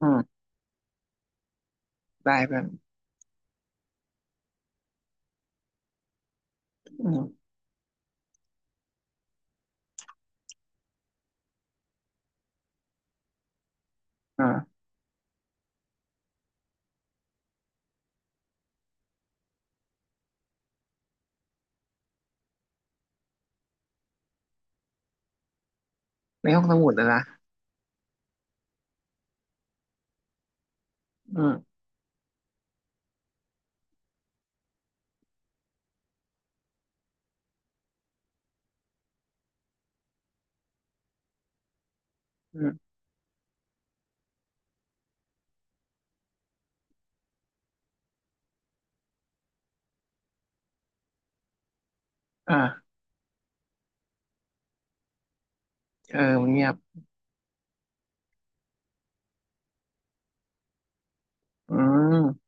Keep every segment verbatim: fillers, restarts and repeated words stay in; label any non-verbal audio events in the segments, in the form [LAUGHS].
อืมได้แบบอืมอ่าในห้องสมุดอะนะอืมอืมอ่าเออมันเงียบอืม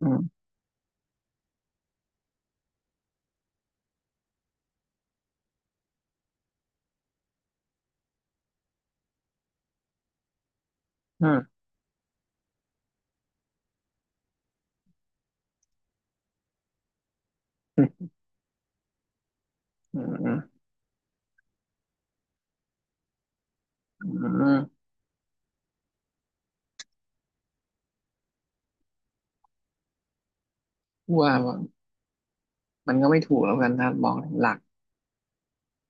อืมอืมอืมอืมอืมอืมว่ามันก็ไม่ถูกแล้วกันถ้ามองหลัก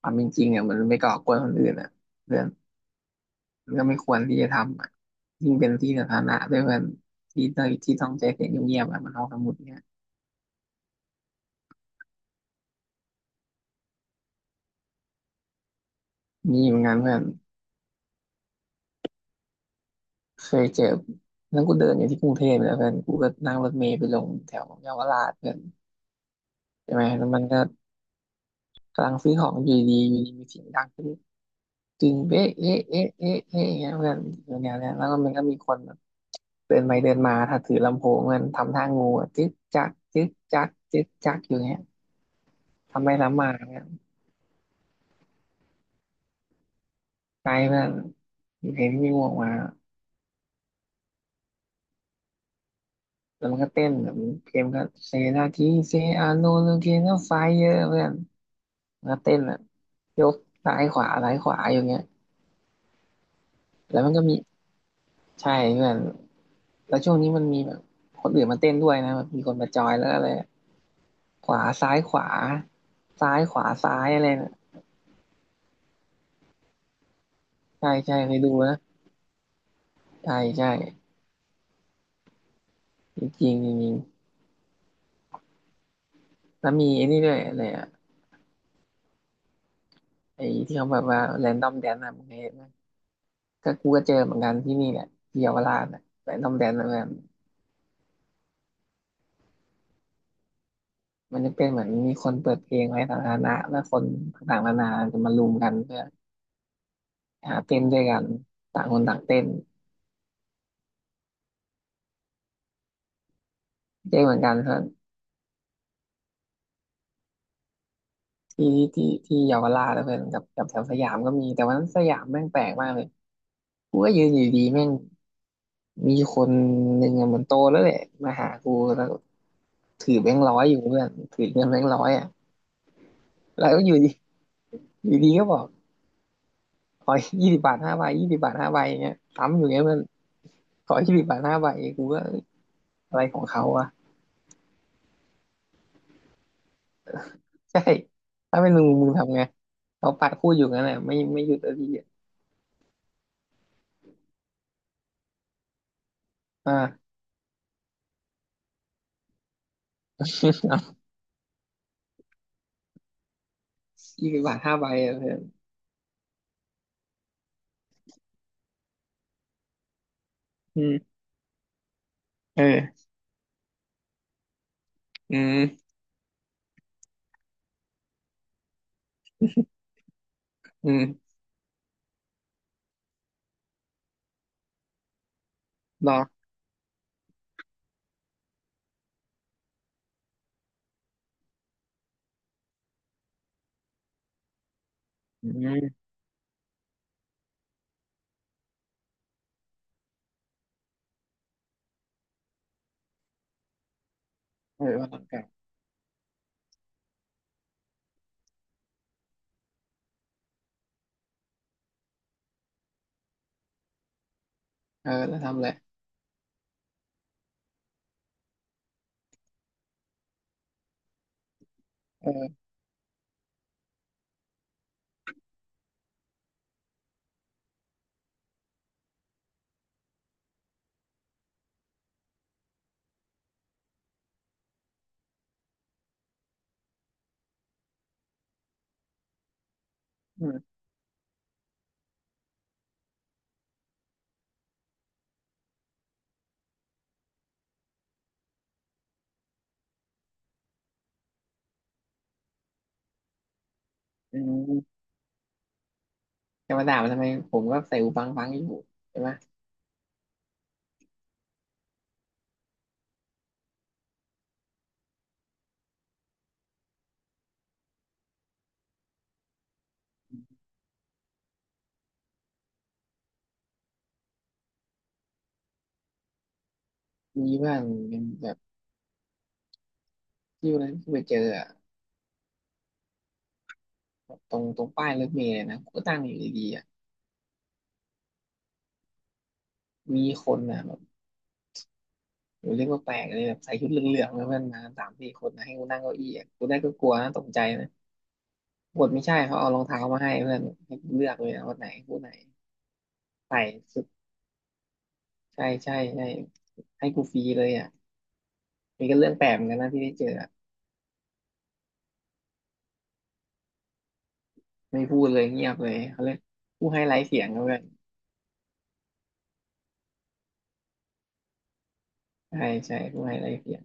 ความเป็นจริงอ่ะมันไม่ก่อกวนคนอื่นอ่ะเพื่อนมันก็ไม่ควรที่จะทำอ่ะยิ่งเป็นที่สาธารณะด้วยเพื่อนที่ต้องที่ต้องใจเสียงเงียบๆอ่ะมันห้องสมุดเนี่ยมีเหมือนกันเพื่อนเคยเจอแั้งกูเดินอยู่ที่กรุงเทพเนี่ยเพื่อนกูก็นั่งรถเมล์ไปลงแถวเยาวราชเพื่อนใช่ไหมแล้วมันก็ กำลังซื้อของอยู่ดีอยู่ดีมีเสียงดังขึ้นจึงเอ๊ะเอ๊ะเอ๊ะเอ๊ะเอ๊ะอย่างเงี้ยเพื่อนอยู่แนวเนี้ยแล้วก็มันก็มีคนแบบเดินไปเดินมาถ้าถือลำโพงมันทำท่างูอะจึ๊กจักจึ๊กจักจึ๊กจักอยู่เงี้ยทำไปทำมาเนี่ยใจเพื่อนเพลงที่มีงูออกมาแล้วมันก็เต้นแบบเพลงก็เซนาทีเซอาโนลูเกนไฟเยอะเพื่อนมันก็เต้นอ่ะยกซ้ายขวาซ้ายขวาอยู่เงี้ยแล้วมันก็มีใช่เพื่อนแล้วช่วงนี้มันมีแบบคนอื่นมาเต้นด้วยนะแบบมีคนมาจอยแล้วอะไร ขวาซ้ายขวาซ้ายขวาซ้ายอะไรนะใช่ใช่เคยดูนะใช่ใช่จริงจริงจริงแล้วมีไอ้นี่ด้วยอะไรอะไอ้ที่เขาแบบว่าแรนดอมแดนอะมึงเคยเห็นไหมก็กูก็เจอเหมือนกันที่นี่แหละที่เยาวราชอะแรนดอมแดนอะแบบมันจะเป็นเหมือนมีคนเปิดเพลงไว้สาธารณะแล้วคนต่างๆนานาจะมารุมกันเพื่อหาเต้นด้วยกันต่างคนต่างเต้นเจอเหมือนกันครับที่ที่ที่เยาวราชแล้วเพื่อนกับกับแถวสยามก็มีแต่วันนั้นสยามแม่งแปลกมากเลยกูก็ยืนอยู่ดีแม่ง มีคนหนึ่งอะเหมือนโตแล้วแหละมาหากูแล้วถือแบงค์ร้อยอยู่เพื่อนถือเงินแบงค์ร้อยอ่ะแล้วก็อยู่ดีอยู่ดีก็บอกขอยี่สิบบาทห้าใบยี่สิบบาทห้าใบอย่างเงี้ยซ้ำอยู่เงี้ยมันขอยี่สิบบาทห้าใบกูก็เอ้ยอะไรของเขาวะใช่ถ้าเป็นมึงมึงทำไงเขาปะพูดอยู่งั้นแหละไม่ไม่หยุดเลยทีดีอ่า [LAUGHS] ยี่สิบบาทห้าใบอะเพื่อนอืมเอออืมอืมรออืมเออวันหลังกลับเออแล้วทำอะไรเอออืมอืม จะมาด่ามันทำไมผมก็ใส่หูฟังฟังอยู่ใช่ไหมมีบ้างเป็นแบบที่วันนั้นที่ไปเจออะตรงตรงป้ายรถเมล์เลยนะผมก็ตั้งอยู่ดีๆอะมีคนอ่ะแบบผมเรียกว่าแปลกเลยแบบใส่ชุดเหลืองๆนะเพื่อนมาสามสี่คนนะให้กูนั่งเก้าอี้อะกูได้ก็กลัวนะตกใจนะปรากฏไม่ใช่เขาเอารองเท้ามาให้เพื่อนให้กูเลือกเลยนะว่าไหนคู่ไหนใส่สุดใช่ใช่ใช่ให้กูฟรีเลยอ่ะนี่ก็เรื่องแปลกเหมือนกันนะที่ได้เจออะไม่พูดเลยเงียบเลยเขาเรียกผู้ให้ไร้เสียงนะเพื่อนใช่ใช่ผู้ให้ไร้เสียง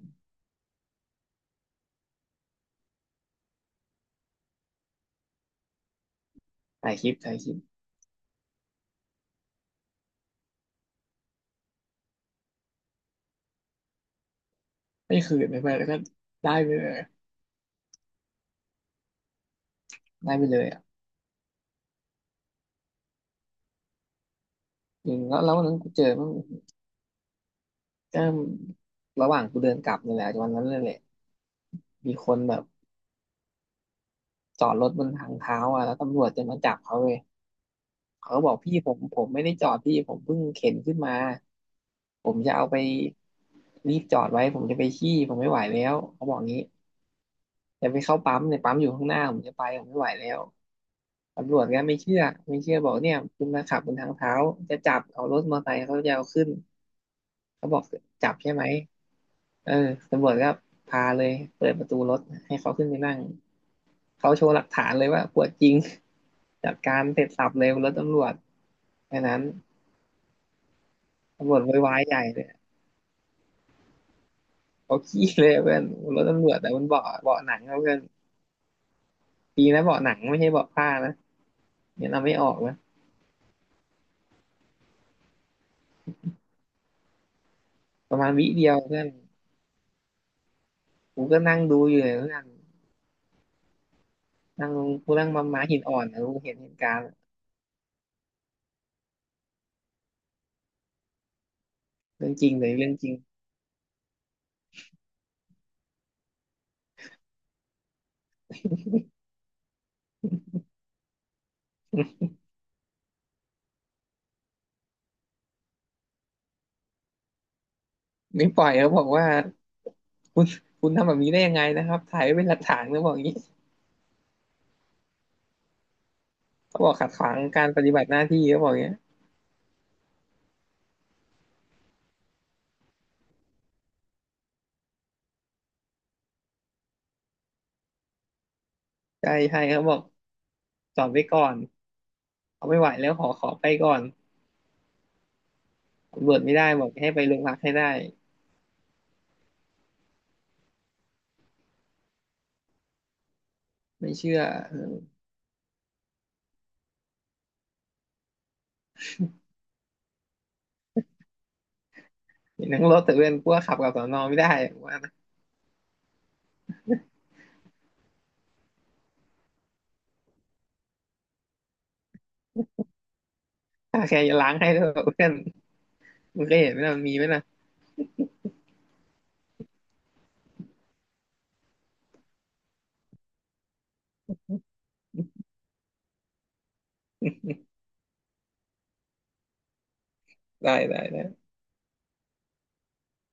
ถ่ายคลิปถ่ายคลิป ไม่คืนไม่ไปแล้วก็ได้ไปเลยได้ไปเลยอ่ะอืมแล้วแล้ววันนั้นกูเจอมันก็ระหว่างกูเดินกลับนี่แหละวันนั้นเลยแหละมีคนแบบจอดรถบนทางเท้าอ่ะแล้วตำรวจจะมาจับเขาเลยเขาก็บอกพี่ผมผมไม่ได้จอดพี่ผมเพิ่งเข็นขึ้นมาผมจะเอาไปรีบจอดไว้ผมจะไปขี้ผมไม่ไหวแล้วเขาบอกงี้จะไปเข้าปั๊มเนี่ยปั๊มอยู่ข้างหน้าผมจะไปผมไม่ไหวแล้วตำรวจก็ไม่เชื่อไม่เชื่อบอกเนี่ยคุณมาขับบนทางเท้าจะจับเอารถมอเตอร์ไซค์เขาจะเอาขึ้นเขาบอกจับใช่ไหม เออตำรวจก็พาเลยเปิดประตูรถให้เขาขึ้นไปนั่ง เขาโชว์หลักฐานเลยว่าปวดจริงจัดการเสร็จสับเลยวรถตำรวจแค่นั้นตำรวจโวยวายใหญ่เลยเขาขี้เลยเพื่อนนรถตำรวจแต่มันเบาะเบาะหนังเขาเพื่อนดีนะเบาะหนังไม่ใช่เบาะผ้านะเนี่ยเราไม่ออกนะประมาณวิเดียวเพื่อนกูก็นั่งดูอยู่เลยเพื่อนนั่งกูนั่งมาม้าหินอ่อนนะกูเห็นเหตุการณ์เรื่องจริงเลยเรื่องจริงไม่ปล่อยเขาบอกว่าคุณคุณทำแบบนี้ได้ยังไงนะครับถ่ายไว้เป็นหลักฐานเขาบอกอย่างนี้ เขาบอกขัดขวางการปฏิบัติหน้าที่เขาบอกอย่างเงี้ยใช่ใช่เขาบอกจอดไว้ก่อนเขาไม่ไหวแล้วขอขอไปก่อนตำรวจไม่ได้บอกให้ไปโรงพักให้ได้ไม่เชื่อเห็นทั้งรถแต่เพื่อนกลัวขับกับสอนอไม่ได้ว่านะถ้าแค่จะล้างให้ด้วยเพื่อนมึงก็เห็นไหมนะมันมีไหมนะได้ได้ได้